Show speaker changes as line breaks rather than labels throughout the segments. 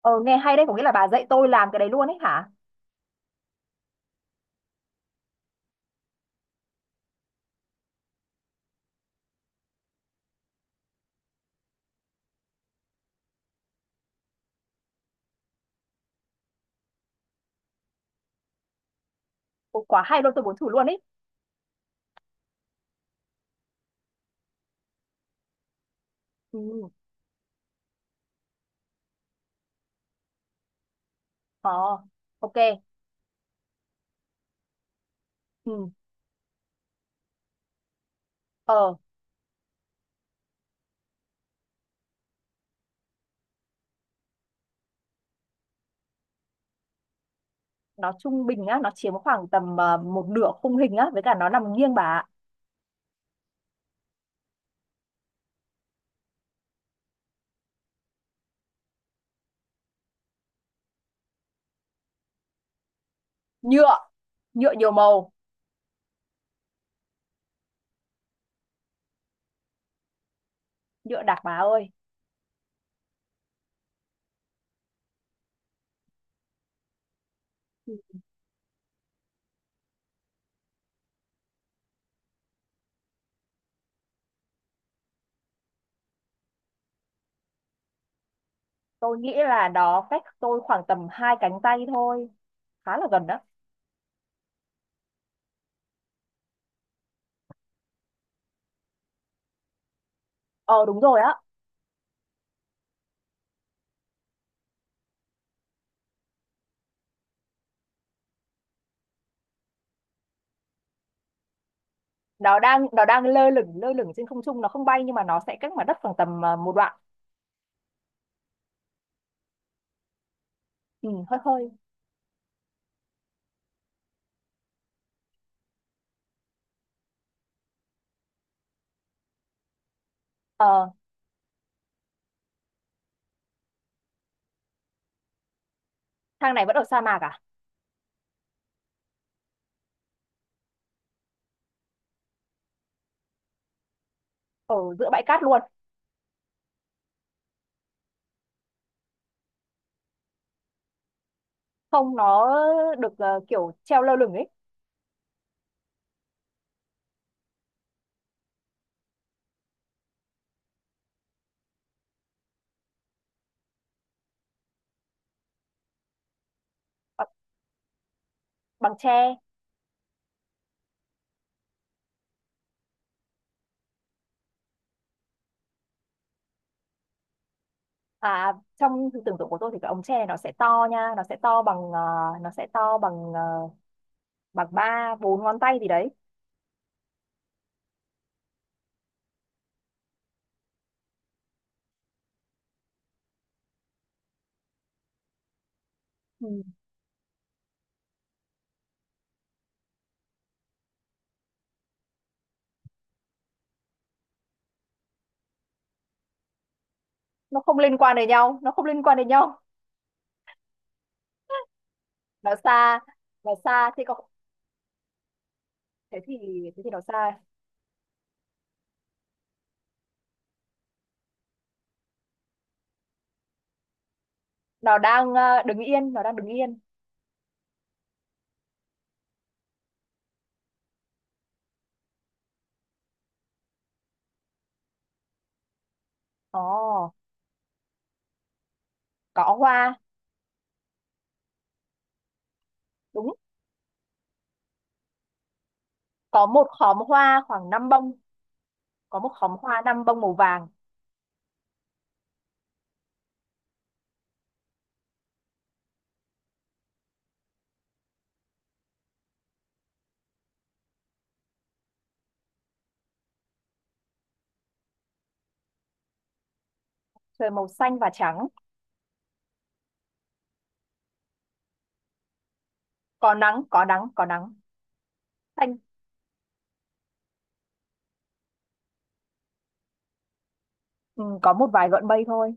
Ờ nghe hay đấy, có nghĩa là bà dạy tôi làm cái đấy luôn ấy hả? Ồ, quá hay luôn, tôi muốn thử luôn ấy. Ừ, ờ, ok. Ừ, ờ, nó trung bình á, nó chiếm khoảng tầm một nửa khung hình á, với cả nó nằm nghiêng bà ạ. Nhựa, nhựa nhiều màu, nhựa đặc bà ơi. Ừ, tôi nghĩ là nó cách tôi khoảng tầm hai cánh tay thôi, khá là gần đó. Ờ đúng rồi á, nó đang lơ lửng trên không trung, nó không bay nhưng mà nó sẽ cách mặt đất khoảng tầm một đoạn. Ừ, hơi hơi. Ờ, thang này vẫn ở sa mạc à? Ở giữa bãi cát luôn. Không nó được kiểu treo lơ lửng ấy. Bằng, bằng tre. À trong sự tưởng tượng của tôi thì cái ống tre nó sẽ to nha, nó sẽ to bằng ờ, bằng ba bốn ngón tay gì đấy. Ừ. Nó không liên quan đến nhau, nó không liên quan đến nhau. Nó xa. Nó xa thế còn thế thì thế thì nó xa. Nó đang đứng yên, nó đang đứng yên. Ồ có hoa. Đúng, có một khóm hoa khoảng năm bông. Có một khóm hoa năm bông màu vàng. Trời màu xanh và trắng. Có nắng. Xanh. Ừ, có một vài gọn bay thôi.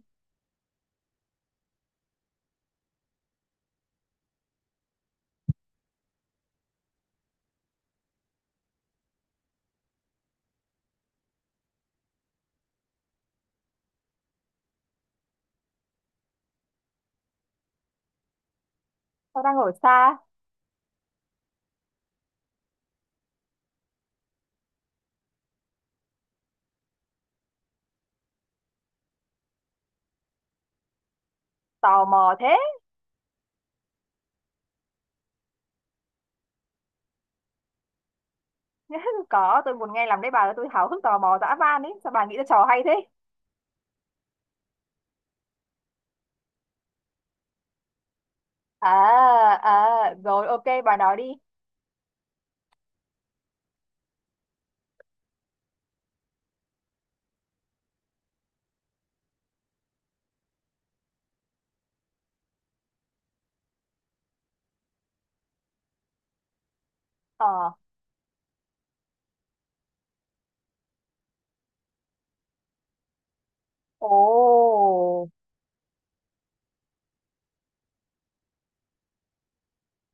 Tao đang ở xa, tò mò thế. Có, tôi muốn nghe làm đấy bà ơi, tôi háo hức tò mò dã man ấy. Sao bà nghĩ ra trò hay thế? À, à, rồi ok, bà nói đi. Ờ, ồ,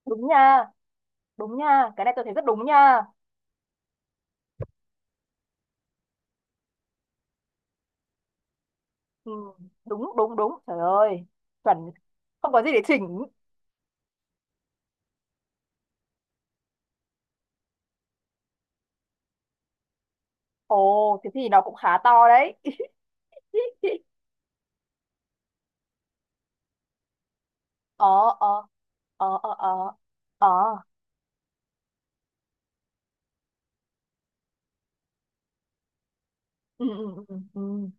đúng nha, đúng nha. Cái này tôi thấy rất đúng nha. Ừ, đúng, đúng, đúng. Trời ơi, chuẩn. Không có gì để chỉnh. Ồ, thế thì nó cũng khá to đấy. Ờ, ờ, ờ, ờ, ờ, ờ. Ừ, ừ, ừ, ừ.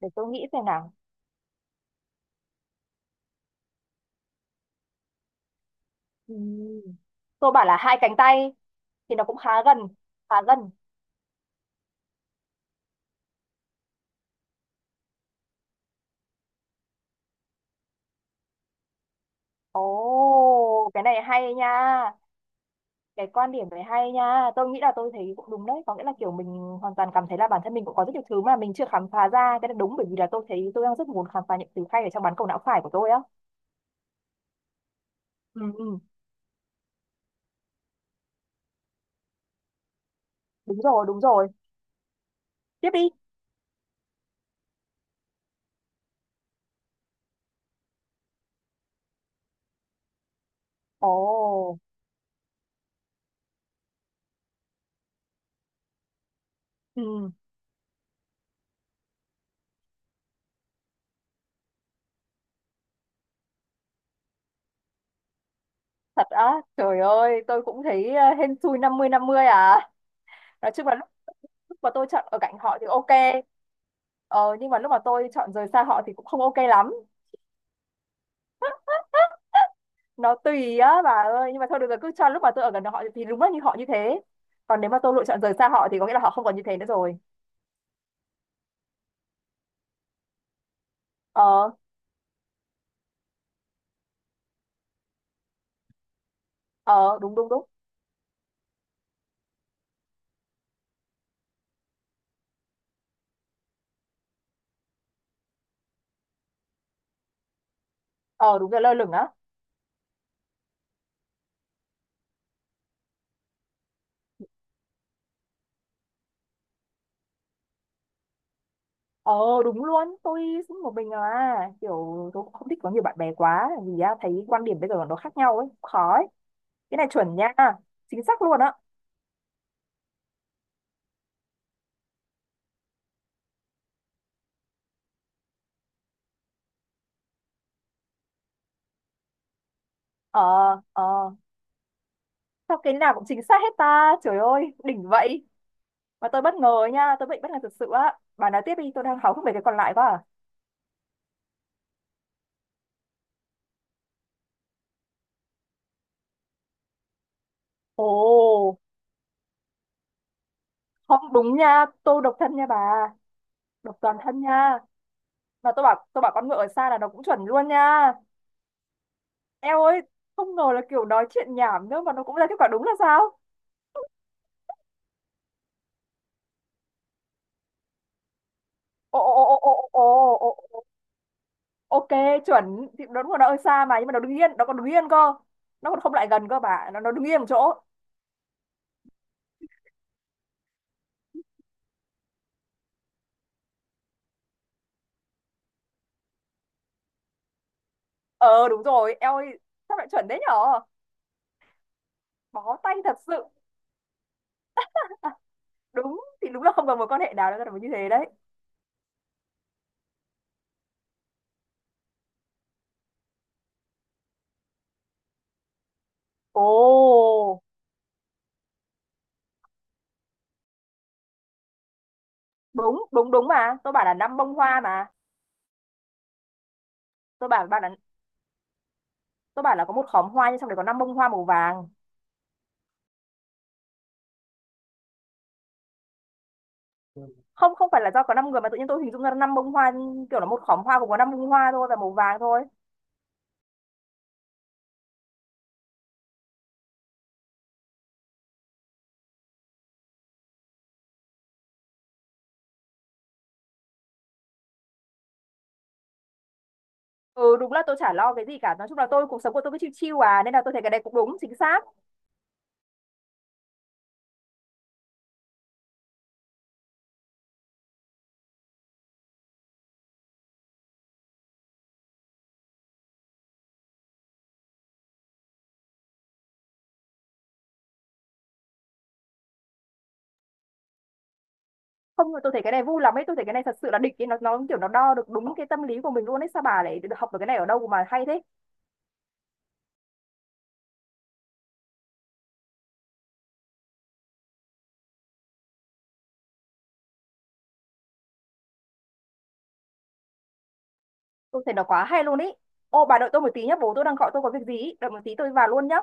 Để tôi nghĩ xem nào. Ừ. Tôi bảo là hai cánh tay thì nó cũng khá gần, khá gần. Ồ, cái này hay nha. Cái quan điểm này hay nha. Tôi nghĩ là tôi thấy cũng đúng đấy. Có nghĩa là kiểu mình hoàn toàn cảm thấy là bản thân mình cũng có rất nhiều thứ mà mình chưa khám phá ra. Cái này đúng bởi vì là tôi thấy tôi đang rất muốn khám phá những thứ hay ở trong bán cầu não phải của tôi á. Ừ, ừ. Đúng rồi, đúng rồi. Tiếp đi. Ồ, ừ. Thật á, trời ơi, tôi cũng thấy hên xui 50-50 à. Nói chung là mà tôi chọn ở cạnh họ thì ok, ờ, nhưng mà lúc mà tôi chọn rời xa họ thì cũng không ok lắm. Nó tùy á bà ơi, nhưng mà thôi được rồi, cứ cho lúc mà tôi ở gần họ thì đúng là như họ như thế, còn nếu mà tôi lựa chọn rời xa họ thì có nghĩa là họ không còn như thế nữa rồi. Ờ, ờ, đúng, đúng, đúng. Ờ đúng rồi lơ lửng á. Ờ đúng luôn, tôi cũng một mình à, kiểu tôi cũng không thích có nhiều bạn bè quá vì á, thấy quan điểm bây giờ nó khác nhau ấy, khó ấy. Cái này chuẩn nha, chính xác luôn á. Ờ, ờ. Sao cái nào cũng chính xác hết ta, trời ơi đỉnh vậy. Và tôi bất ngờ ấy nha, tôi bị bất ngờ thực sự á. Bà nói tiếp đi, tôi đang háo hức về cái còn lại quá à. Ồ, không đúng nha, tôi độc thân nha bà. Độc toàn thân nha. Mà tôi bảo con ngựa ở xa là nó cũng chuẩn luôn nha. Eo ơi, không ngờ là kiểu nói chuyện nhảm nữa mà nó cũng ra kết quả đúng là sao? Ồ, ồ, ồ, ồ, ồ, ồ, ồ, ok, chuẩn. Thì nó đúng là nó ở xa mà, nhưng mà nó đứng yên, nó còn đứng yên cơ. Nó còn không lại gần cơ bà, nó đứng yên một chỗ. Ờ, đúng rồi, eo ơi, sao lại chuẩn đấy nhở? Bó tay thật sự. Đúng thì đúng là không còn mối quan hệ nào nó là như thế đấy. Ồ đúng, đúng, đúng, mà tôi bảo là năm bông hoa mà. tôi bảo bạn là tôi bảo là có một khóm hoa nhưng trong đấy có năm bông hoa màu vàng. Không, không phải là do có năm người mà tự nhiên tôi hình dung ra năm bông hoa, kiểu là một khóm hoa cũng có năm bông hoa thôi và màu vàng thôi. Ừ đúng là tôi chả lo cái gì cả, nói chung là tôi cuộc sống của tôi cứ chill chill à, nên là tôi thấy cái này cũng đúng chính xác. Không tôi thấy cái này vui lắm ấy, tôi thấy cái này thật sự là đỉnh ấy, nó kiểu nó đo được đúng cái tâm lý của mình luôn ấy, sao bà lại học được cái này ở đâu mà hay thế. Tôi thấy nó quá hay luôn ý. Ô bà đợi tôi một tí nhá, bố tôi đang gọi tôi có việc gì ý. Đợi một tí tôi vào luôn nhá.